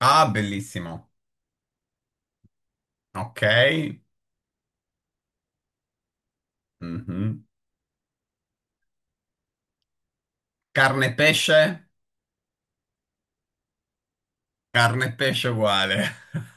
Ah, bellissimo. Ok. Mhm. Carne e pesce? Carne e pesce uguale.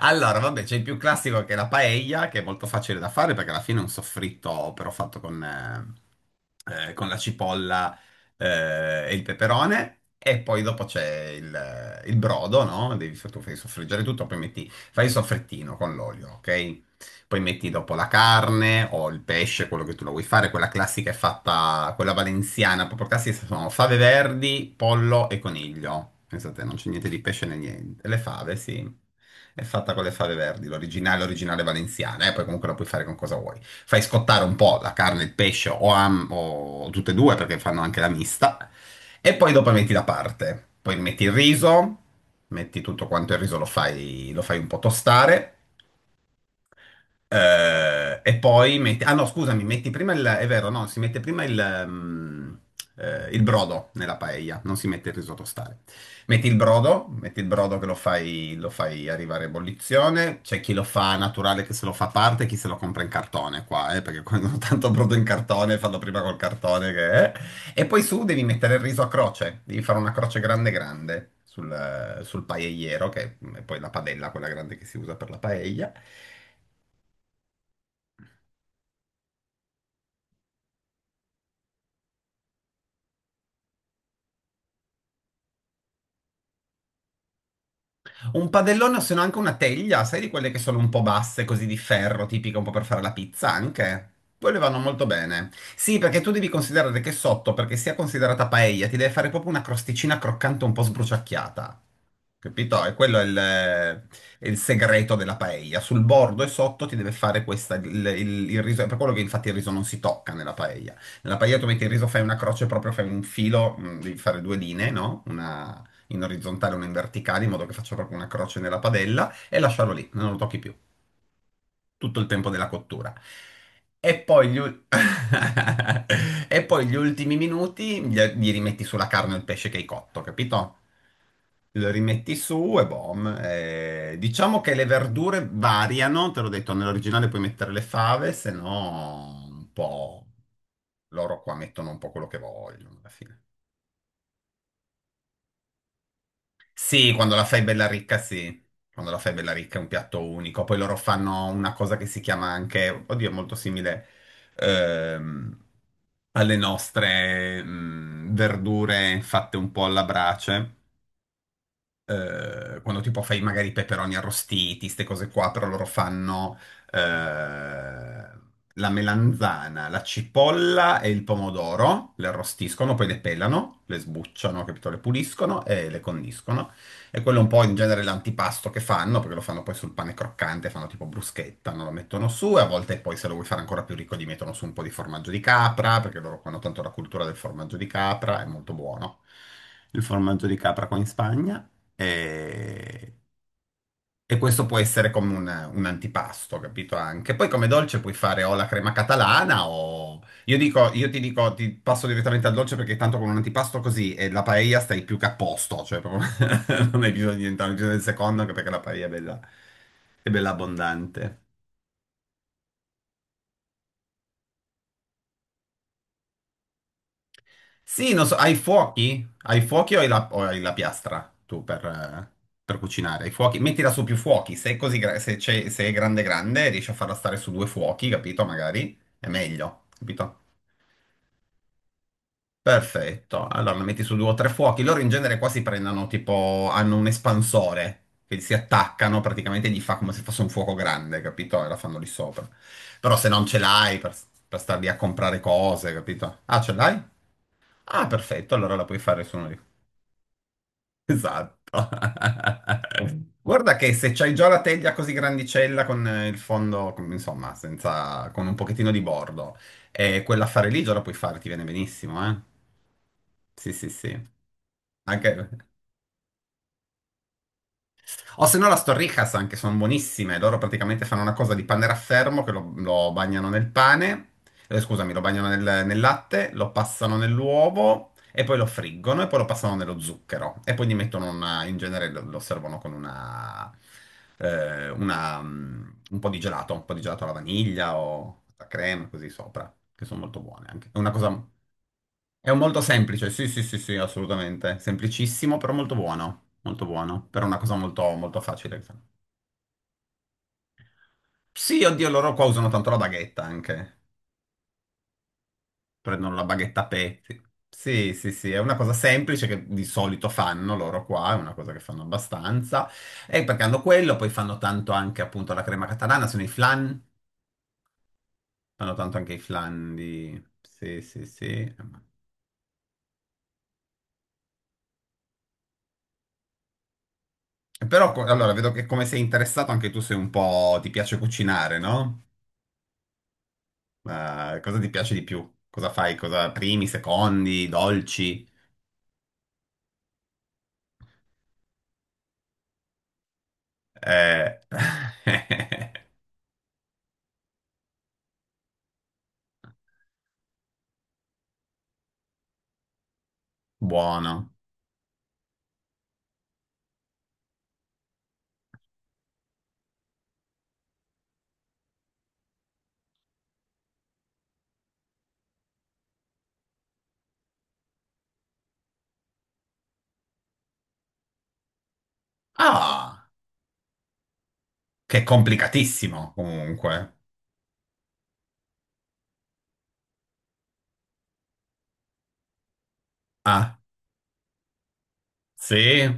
Allora, vabbè, c'è il più classico che è la paella, che è molto facile da fare perché alla fine è un soffritto però fatto con la cipolla, e il peperone. E poi dopo c'è il brodo, no? Devi, tu fai soffriggere tutto, poi metti, fai il soffrettino con l'olio, ok? Poi metti dopo la carne o il pesce, quello che tu lo vuoi fare, quella classica è fatta, quella valenziana, proprio classica sono fave verdi, pollo e coniglio. Pensate, non c'è niente di pesce né niente. Le fave, sì. È fatta con le fave verdi, l'originale, l'originale valenziana, e poi comunque la puoi fare con cosa vuoi. Fai scottare un po' la carne, il pesce o, o tutte e due perché fanno anche la mista, e poi dopo metti da parte. Poi metti il riso, metti tutto quanto il riso, lo fai un po' tostare, e poi metti, ah no, scusami, metti prima il, è vero, no, si mette prima il brodo nella paella, non si mette il risotto a stare. Metti il brodo che lo fai arrivare a ebollizione. C'è chi lo fa naturale che se lo fa a parte, chi se lo compra in cartone qua, perché quando hanno tanto brodo in cartone, fanno prima col cartone che. E poi su devi mettere il riso a croce, devi fare una croce grande grande sul paelliero, che è poi la padella, quella grande che si usa per la paella. Un padellone o se no anche una teglia, sai di quelle che sono un po' basse, così di ferro, tipica un po' per fare la pizza anche? Quelle vanno molto bene. Sì, perché tu devi considerare che sotto, perché sia considerata paella, ti deve fare proprio una crosticina croccante un po' sbruciacchiata. Capito? E quello è il segreto della paella. Sul bordo e sotto ti deve fare questa, il riso, è per quello che infatti il riso non si tocca nella paella. Nella paella tu metti il riso, fai una croce, proprio fai un filo, devi fare due linee, no? Una in orizzontale e una in verticale, in modo che faccia proprio una croce nella padella e lasciarlo lì, non lo tocchi più, tutto il tempo della cottura. E poi e poi gli ultimi minuti gli rimetti sulla carne o il pesce che hai cotto, capito? Lo rimetti su e boom. Diciamo che le verdure variano, te l'ho detto, nell'originale puoi mettere le fave, se no un po'... Loro qua mettono un po' quello che vogliono alla fine. Sì, quando la fai bella ricca, sì. Quando la fai bella ricca è un piatto unico. Poi loro fanno una cosa che si chiama anche, oddio, è molto simile, ehm, alle nostre verdure fatte un po' alla brace. Quando tipo fai magari i peperoni arrostiti, queste cose qua, però loro fanno eh, la melanzana, la cipolla e il pomodoro, le arrostiscono, poi le pelano, le sbucciano, capito? Le puliscono e le condiscono. E quello è un po' in genere l'antipasto che fanno, perché lo fanno poi sul pane croccante, fanno tipo bruschetta, non lo mettono su e a volte poi se lo vuoi fare ancora più ricco gli mettono su un po' di formaggio di capra, perché loro hanno tanto la cultura del formaggio di capra, è molto buono. Il formaggio di capra qua in Spagna. E, e questo può essere come un antipasto, capito? Anche. Poi come dolce puoi fare o la crema catalana o... Io dico, io ti dico, ti passo direttamente al dolce perché tanto con un antipasto così e la paella stai più che a posto, cioè proprio non hai bisogno di entrare nel del secondo anche perché la paella è bella abbondante. Sì, non so, hai fuochi? Hai fuochi o hai o hai la piastra tu per cucinare? Hai fuochi? Mettila su più fuochi, se è così, se è grande grande riesci a farla stare su due fuochi, capito? Magari è meglio, capito? Perfetto, allora la metti su due o tre fuochi, loro in genere qua si prendono tipo, hanno un espansore che si attaccano praticamente e gli fa come se fosse un fuoco grande, capito? E la fanno lì sopra. Però se non ce l'hai per star lì a comprare cose, capito? Ah, ce l'hai? Ah, perfetto, allora la puoi fare su uno. Esatto. Guarda che se c'hai già la teglia così grandicella con il fondo, insomma, senza, con un pochettino di bordo, e quella a fare lì già la puoi fare, ti viene benissimo, eh? Sì, sì, sì. Anche... O se no las torrijas anche, sono buonissime. Loro praticamente fanno una cosa di panne raffermo che lo bagnano nel pane, scusami, lo bagnano nel latte, lo passano nell'uovo e poi lo friggono e poi lo passano nello zucchero. E poi gli mettono una, in genere lo servono con una, un po' di gelato, un po' di gelato alla vaniglia o alla crema, così sopra, che sono molto buone anche. È una cosa è un molto semplice, sì, sì, sì, sì, assolutamente. Semplicissimo, però molto buono. Molto buono. Per una cosa molto, molto facile. Sì, oddio, loro qua usano tanto la baghetta anche. Prendono la baghetta a pezzi. Sì, sì, sì, sì, è una cosa semplice che di solito fanno loro qua, è una cosa che fanno abbastanza. E perché hanno quello, poi fanno tanto anche appunto la crema catalana, sono i flan. Fanno tanto anche i flan di... Sì, sì, sì. Però, allora, vedo che come sei interessato anche tu sei un po'... ti piace cucinare, no? Ma cosa ti piace di più? Cosa fai? Cosa primi, secondi, dolci? Eh, Buono. Ah, che è complicatissimo comunque. Ah, sì?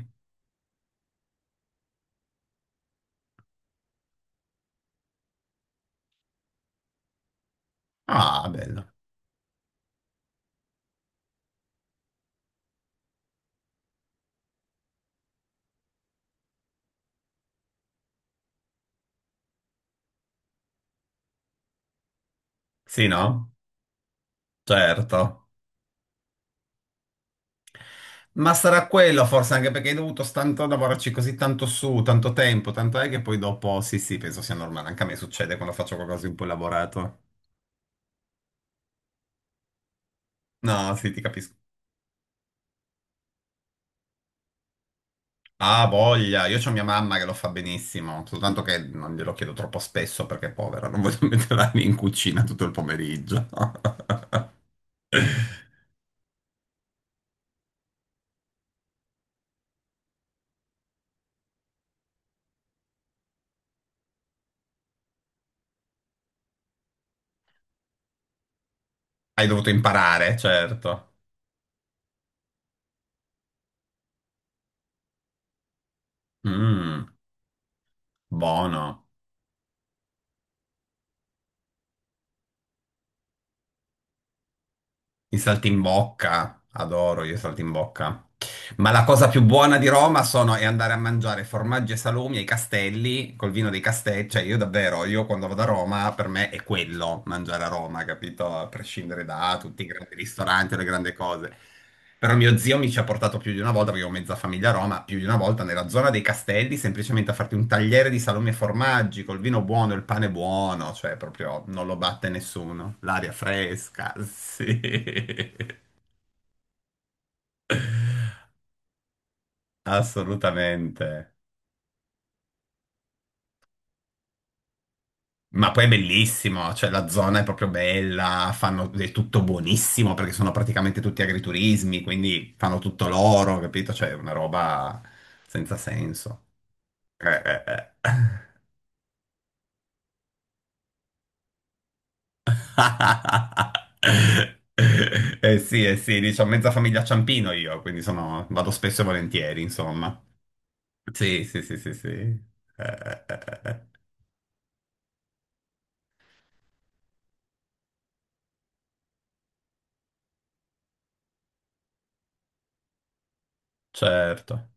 Ah, bello. Sì, no? Certo. Ma sarà quello forse anche perché hai dovuto tanto lavorarci così tanto su, tanto tempo, tanto è che poi dopo, sì, sì, penso sia normale. Anche a me succede quando faccio qualcosa di un po' elaborato. No, sì, ti capisco. Ah, voglia, io ho mia mamma che lo fa benissimo, soltanto che non glielo chiedo troppo spesso perché è povera, non voglio metterla lì in cucina tutto il pomeriggio. Hai dovuto imparare, certo. Mm, buono. Il saltimbocca, adoro io il saltimbocca. Ma la cosa più buona di Roma sono, è andare a mangiare formaggi e salumi ai castelli, col vino dei castelli. Cioè, io davvero, io quando vado a Roma, per me è quello, mangiare a Roma, capito? A prescindere da tutti i grandi ristoranti o le grandi cose. Però mio zio mi ci ha portato più di una volta, perché ho mezza famiglia a Roma, più di una volta nella zona dei castelli, semplicemente a farti un tagliere di salumi e formaggi, col vino buono, il pane buono, cioè proprio non lo batte nessuno. L'aria fresca, sì, assolutamente. Ma poi è bellissimo, cioè la zona è proprio bella, fanno è tutto buonissimo perché sono praticamente tutti agriturismi, quindi fanno tutto loro, capito? Cioè è una roba senza senso. Eh, eh, eh. Sì, eh sì, diciamo mezza famiglia Ciampino io, quindi sono, vado spesso e volentieri, insomma. Sì, sì, sì, sì, sì. Eh, eh, eh. eh. Certo.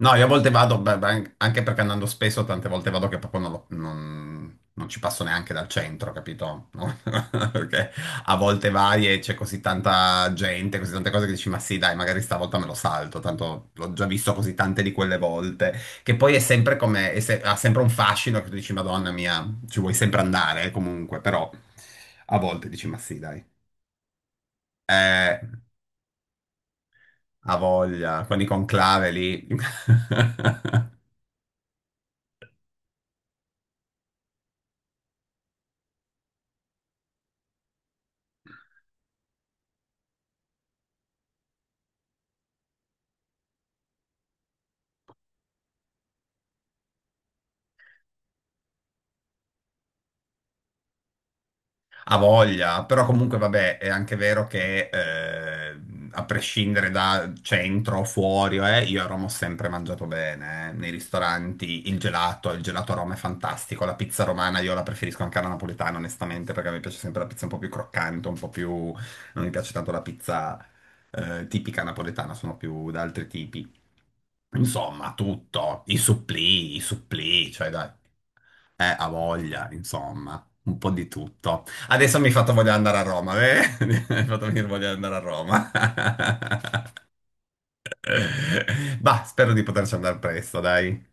No, io a volte vado, beh, beh, anche perché andando spesso, tante volte vado che proprio non, non ci passo neanche dal centro, capito? No? Perché a volte vai e c'è così tanta gente, così tante cose che dici, ma sì, dai, magari stavolta me lo salto, tanto l'ho già visto così tante di quelle volte, che poi è sempre come, è se- ha sempre un fascino che tu dici, Madonna mia, ci vuoi sempre andare, comunque, però a volte dici, ma sì, dai. Eh, ha voglia, con i conclave lì. Ha voglia, però comunque vabbè, è anche vero che a prescindere da centro o fuori, io a Roma ho sempre mangiato bene, eh. Nei ristoranti, il gelato a Roma è fantastico, la pizza romana io la preferisco anche alla napoletana onestamente perché mi piace sempre la pizza un po' più croccante, un po' più... non mi piace tanto la pizza tipica napoletana, sono più da altri tipi. Insomma, tutto, i supplì, cioè dai, ha voglia, insomma, un po' di tutto. Adesso mi hai fatto voglia di andare a Roma, eh? Mi hai fatto venire voglia di andare a Roma. Bah, spero di poterci andare presto, dai.